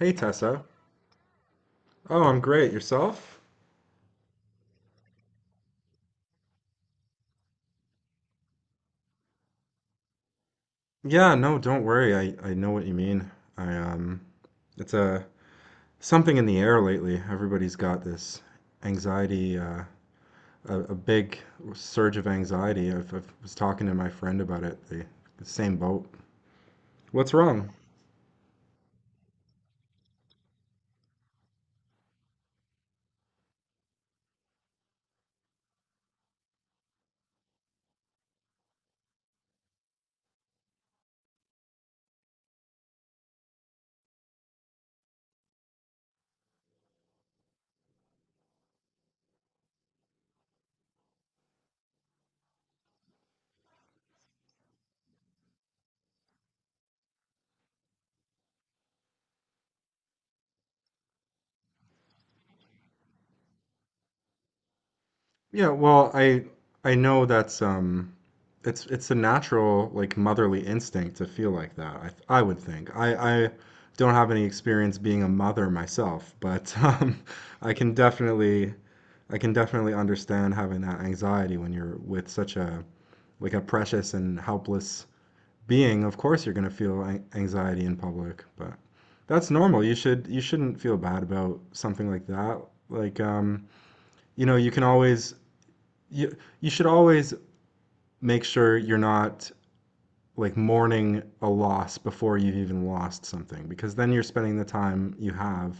Hey Tessa. Oh, I'm great. Yourself? Yeah, no, don't worry. I know what you mean. I it's a Something in the air lately. Everybody's got this anxiety, a big surge of anxiety. I was talking to my friend about it. The same boat. What's wrong? Yeah, well, I know that's it's a natural, like, motherly instinct to feel like that. I would think. I don't have any experience being a mother myself, but I can definitely understand having that anxiety when you're with such a like a precious and helpless being. Of course you're going to feel an anxiety in public, but that's normal. You shouldn't feel bad about something like that. Like, you know, you can always you should always make sure you're not like mourning a loss before you've even lost something, because then you're spending the time you have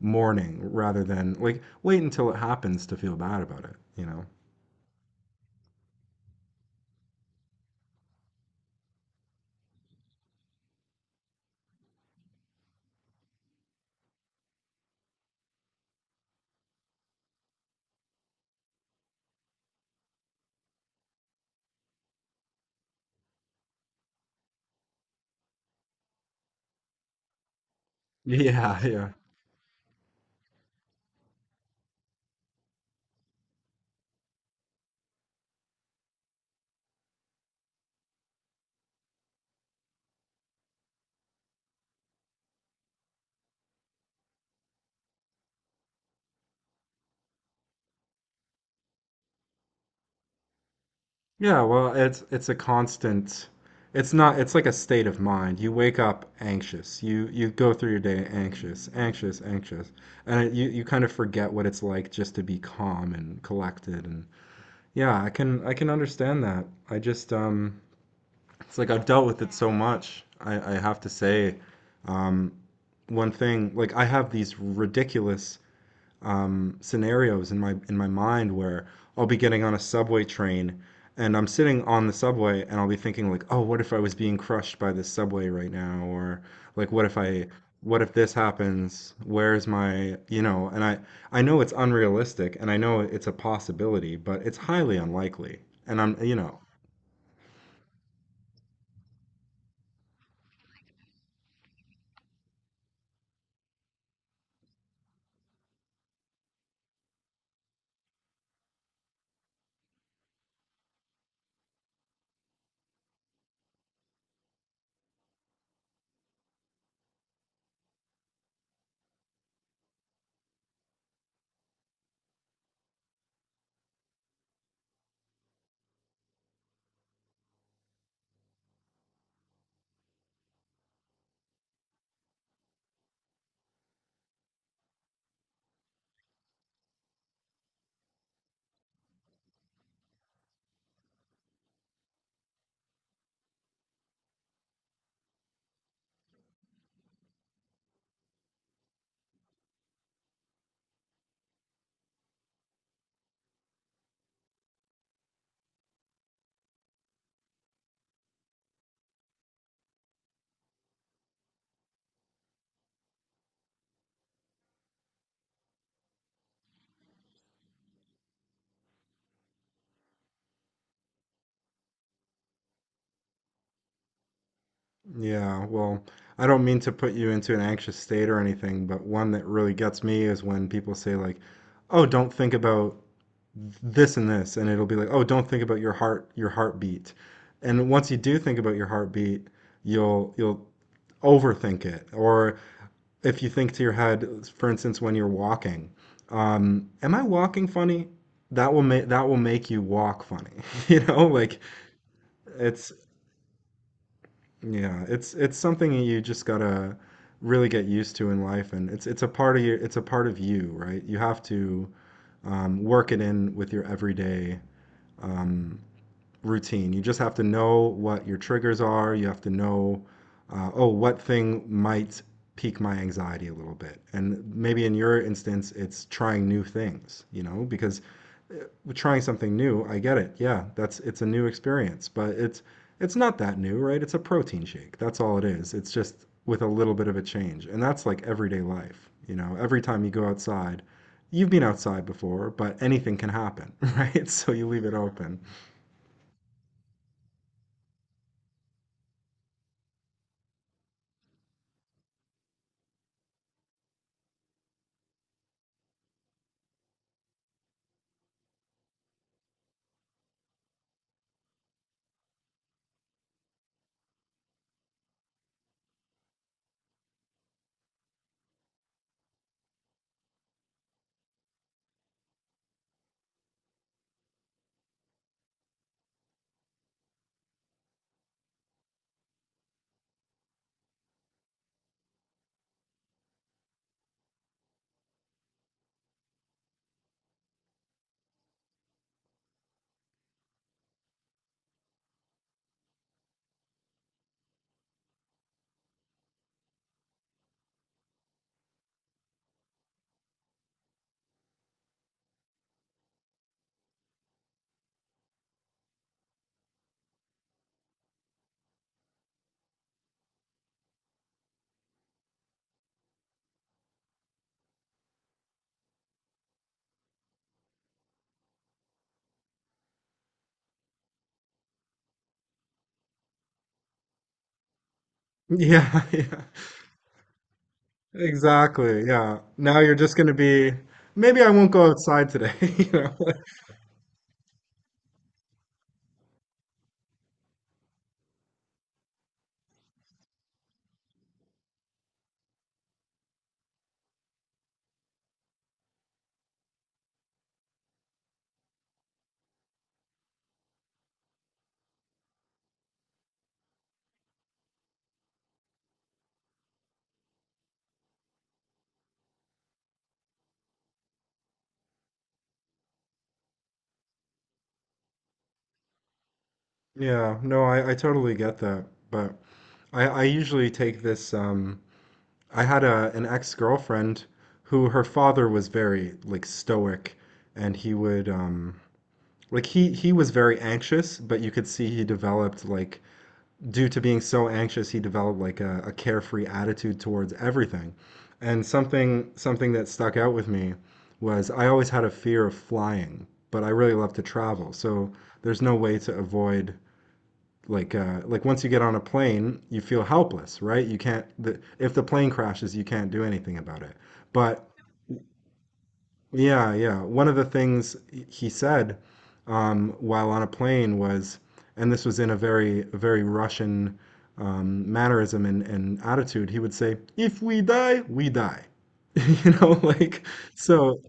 mourning rather than, like, wait until it happens to feel bad about it, you know? Yeah, yeah. Yeah, well, it's a constant. It's not It's like a state of mind. You wake up anxious. You go through your day anxious, anxious, anxious. And it, you kind of forget what it's like just to be calm and collected, and yeah, I can understand that. I just It's like I've dealt with it so much. I have to say, um, one thing, like, I have these ridiculous scenarios in my mind where I'll be getting on a subway train, and I'm sitting on the subway, and I'll be thinking like, oh, what if I was being crushed by this subway right now? Or like, what if this happens? Where's my, you know, and I know it's unrealistic, and I know it's a possibility, but it's highly unlikely. And I'm, you know, yeah, well, I don't mean to put you into an anxious state or anything, but one that really gets me is when people say like, "Oh, don't think about this and this," and it'll be like, "Oh, don't think about your heart, your heartbeat." And once you do think about your heartbeat, you'll overthink it. Or if you think to your head, for instance, when you're walking, "Am I walking funny?" That will make you walk funny. You know, it's Yeah, it's something you just gotta really get used to in life, and it's a part of your it's a part of you, right? You have to, work it in with your everyday um, routine. You just have to know what your triggers are. You have to know, oh, what thing might pique my anxiety a little bit, and maybe in your instance, it's trying new things, you know, because trying something new. I get it. Yeah, that's it's a new experience, but it's not that new, right? It's a protein shake. That's all it is. It's just with a little bit of a change. And that's like everyday life, you know. Every time you go outside, you've been outside before, but anything can happen, right? So you leave it open. Yeah, yeah. Exactly. Yeah. Now you're just going to be maybe I won't go outside today, you know. Yeah, no, I totally get that. But I usually take this, I had a an ex-girlfriend who, her father was very like stoic, and he would like he was very anxious, but you could see he developed, like, due to being so anxious, he developed like a carefree attitude towards everything. And something that stuck out with me was I always had a fear of flying, but I really love to travel. So there's no way to avoid like, like, once you get on a plane, you feel helpless, right? You can't the, If the plane crashes, you can't do anything about it. But yeah, yeah. One of the things he said, while on a plane, was, and this was in a very very Russian mannerism and attitude. He would say, "If we die, we die," you know, so.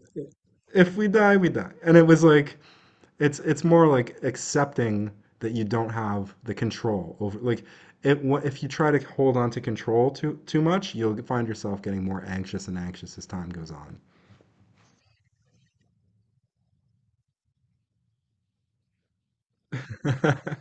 If we die, we die, and it was like it's more like accepting that you don't have the control over like it, if you try to hold on to control too much, you'll find yourself getting more anxious and anxious as time goes on.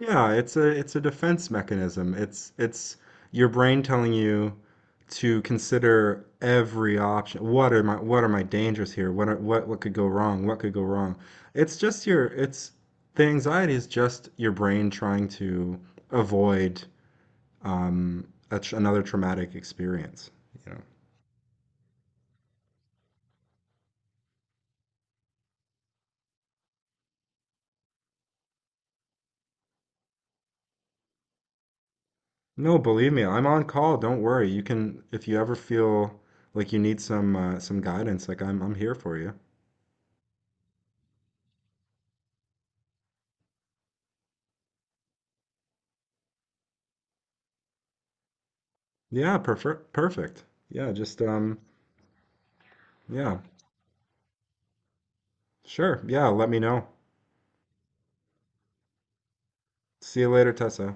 Yeah, it's a defense mechanism. it's your brain telling you to consider every option. What are my dangers here? What could go wrong? What could go wrong? It's the anxiety is just your brain trying to avoid, a tr another traumatic experience, you know. No, believe me, I'm on call. Don't worry. You can, if you ever feel like you need some, some guidance, like, I'm here for you. Yeah, prefer perfect. Yeah, just yeah, sure. Yeah, let me know. See you later, Tessa.